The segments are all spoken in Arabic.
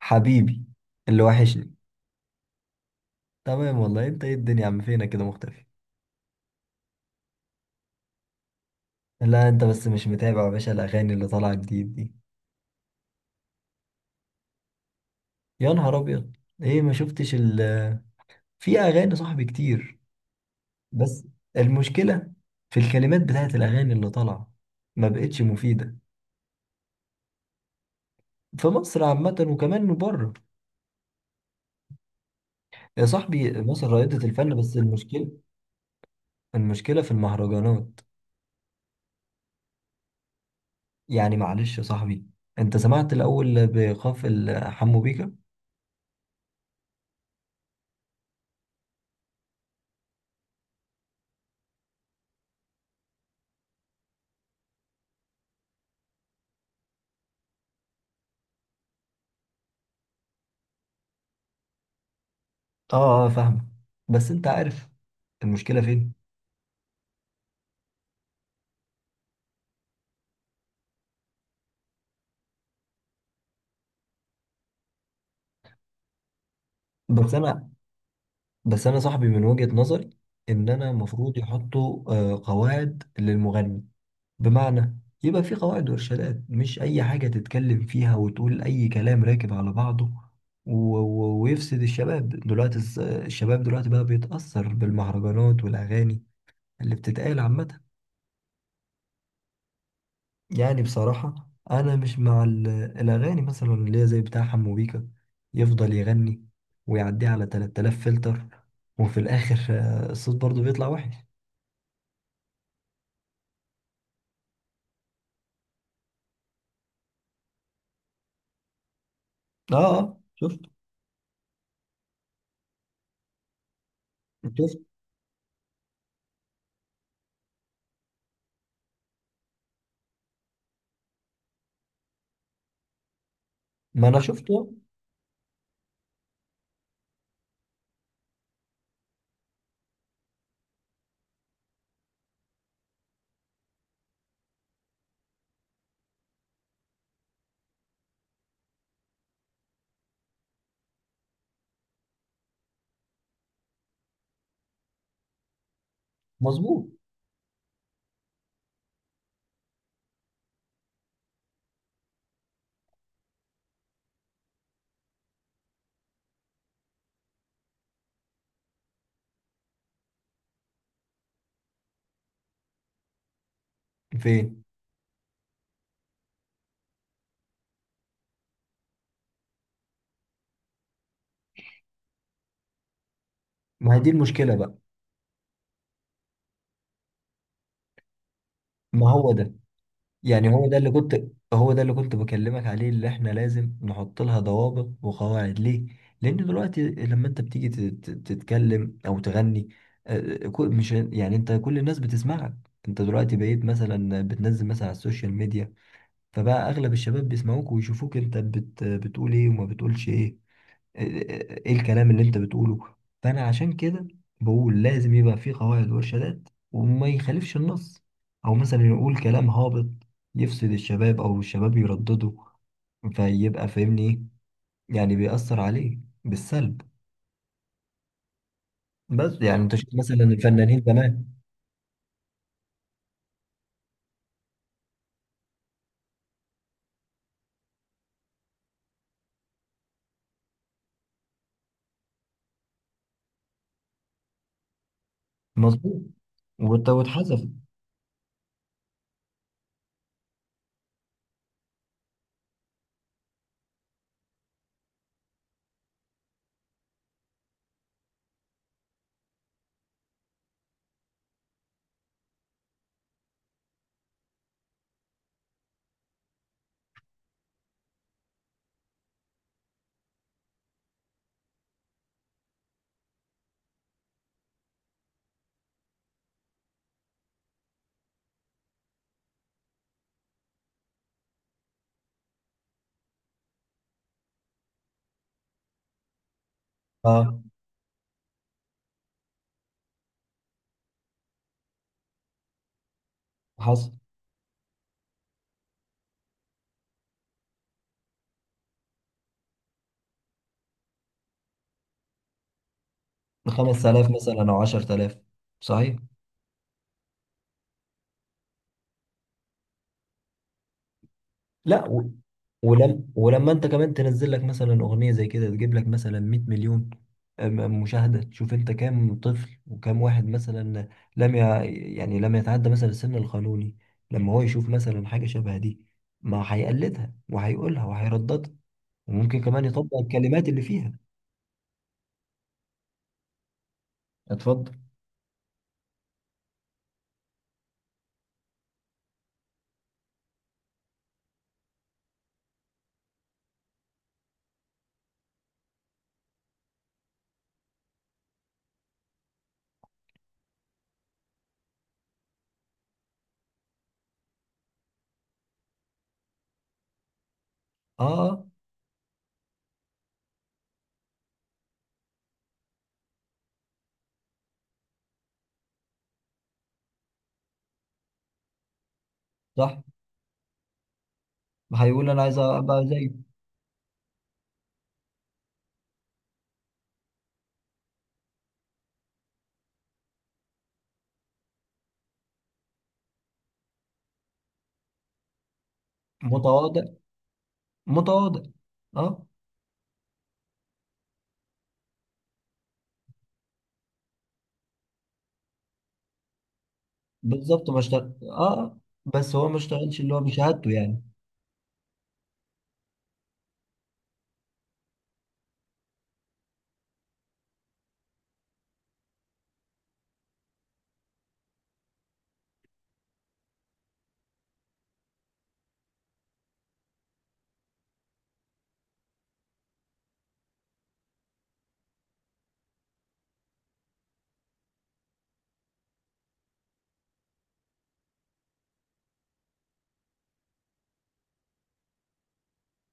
حبيبي اللي وحشني. تمام والله، انت ايه الدنيا يا عم فينا كده مختفي. لا انت بس مش متابع يا باشا الاغاني اللي طالعه جديد دي. يا نهار ابيض، ايه ما شفتش ال في اغاني صاحبي كتير، بس المشكله في الكلمات بتاعت الاغاني اللي طالعه ما بقتش مفيده. في مصر عامه وكمان بره. يا صاحبي مصر رائدة الفن بس المشكله في المهرجانات. يعني معلش يا صاحبي، انت سمعت الاول بخاف حمو بيكا. اه اه فاهمك، بس انت عارف المشكله فين. بس انا بس انا صاحبي من وجهه نظري ان انا المفروض يحطوا قواعد للمغني. بمعنى يبقى في قواعد وارشادات، مش اي حاجه تتكلم فيها وتقول اي كلام راكب على بعضه. و- و- ويفسد الشباب دلوقتي، الشباب دلوقتي بقى بيتاثر بالمهرجانات والاغاني اللي بتتقال عامه. يعني بصراحة أنا مش مع الأغاني مثلا اللي هي زي بتاع حمو بيكا، يفضل يغني ويعديه على 3000 فلتر، وفي الآخر الصوت برضه بيطلع وحش. آه آه شفت. شفت، ما أنا شفته. مظبوط. فين؟ ما هي دي المشكلة بقى. ما هو ده، يعني هو ده اللي كنت هو ده اللي كنت بكلمك عليه، اللي احنا لازم نحط لها ضوابط وقواعد. ليه؟ لأن دلوقتي لما انت بتيجي تتكلم أو تغني، مش يعني انت كل الناس بتسمعك. انت دلوقتي بقيت مثلا بتنزل مثلا على السوشيال ميديا، فبقى أغلب الشباب بيسمعوك ويشوفوك، انت بتقول ايه وما بتقولش ايه، ايه الكلام اللي انت بتقوله. فانا عشان كده بقول لازم يبقى في قواعد وارشادات، وما يخالفش النص، او مثلا يقول كلام هابط يفسد الشباب او الشباب يردده. فيبقى فاهمني ايه، يعني بيأثر عليه بالسلب. بس يعني انت شفت مثلا الفنانين زمان. مظبوط. واتحذف. اه حصل. 5000 مثلا او 10000. صحيح. لا و... ولم... ولما انت كمان تنزل لك مثلا اغنيه زي كده تجيب لك مثلا 100 مليون مشاهده، تشوف انت كام طفل وكام واحد مثلا لم ي... يعني لم يتعدى مثلا السن القانوني، لما هو يشوف مثلا حاجه شبه دي ما هيقلدها وهيقولها وهيرددها، وممكن كمان يطبق الكلمات اللي فيها. اتفضل. اه آه، صح. هيقول انا عايز ابقى زي. متواضع، متواضع. اه، بالظبط ما اشتغل بس هو ما اشتغلش اللي هو بشهادته يعني.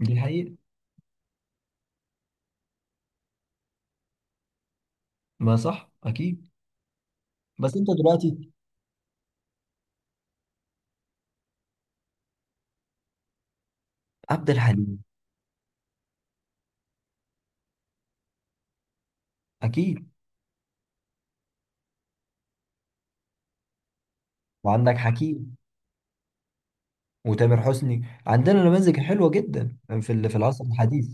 دي حقيقة، ما صح اكيد. بس انت دلوقتي. عبد الحليم. اكيد. وعندك حكيم وتامر حسني، عندنا نماذج حلوه جدا في في العصر الحديث.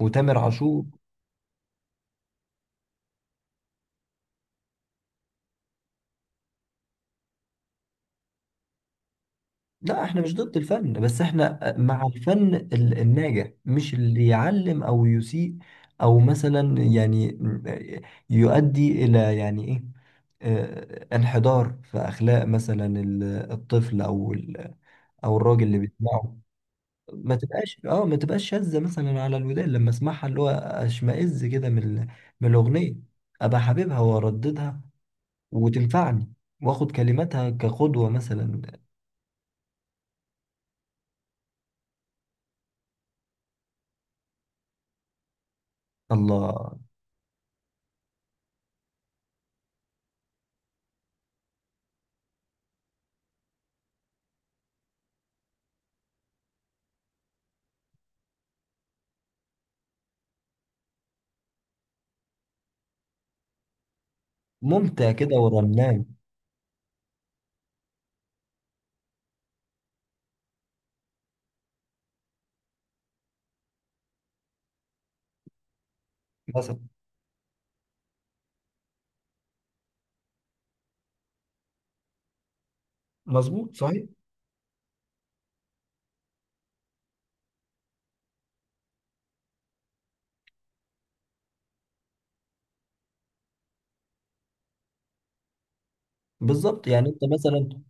وتامر عاشور. لا احنا مش ضد الفن، بس احنا مع الفن الناجح، مش اللي يعلم او يسيء، او مثلا يعني يؤدي الى يعني ايه، انحدار في اخلاق مثلا الطفل او او الراجل اللي بيسمعه. ما تبقاش شاذة مثلا على الودان، لما اسمعها اللي هو اشمئز كده من من الاغنية. ابقى حبيبها وارددها وتنفعني واخد كلماتها كقدوة مثلا. الله. ممتع كده ورنان مثلا. مظبوط صحيح. بالظبط يعني انت مثلا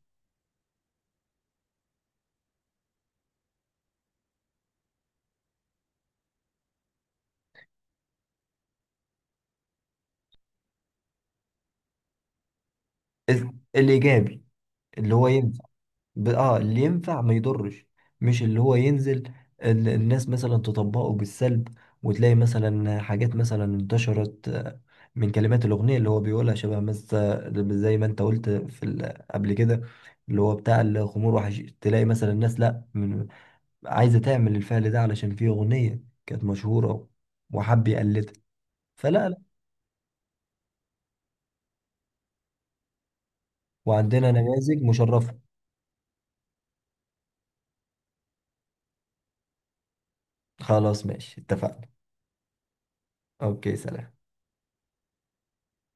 الايجابي، اللي هو ب... اه اللي ينفع ما يضرش، مش اللي هو ينزل الناس مثلا تطبقه بالسلب. وتلاقي مثلا حاجات مثلا انتشرت، من كلمات الأغنية اللي هو بيقولها، شبه مثلا زي ما انت قلت في قبل كده، اللي هو بتاع الخمور وحش، تلاقي مثلا الناس لا من... عايزة تعمل الفعل ده علشان في أغنية كانت مشهورة وحب يقلدها، فلا لا. وعندنا نماذج مشرفة. خلاص ماشي، اتفقنا. اوكي، سلام.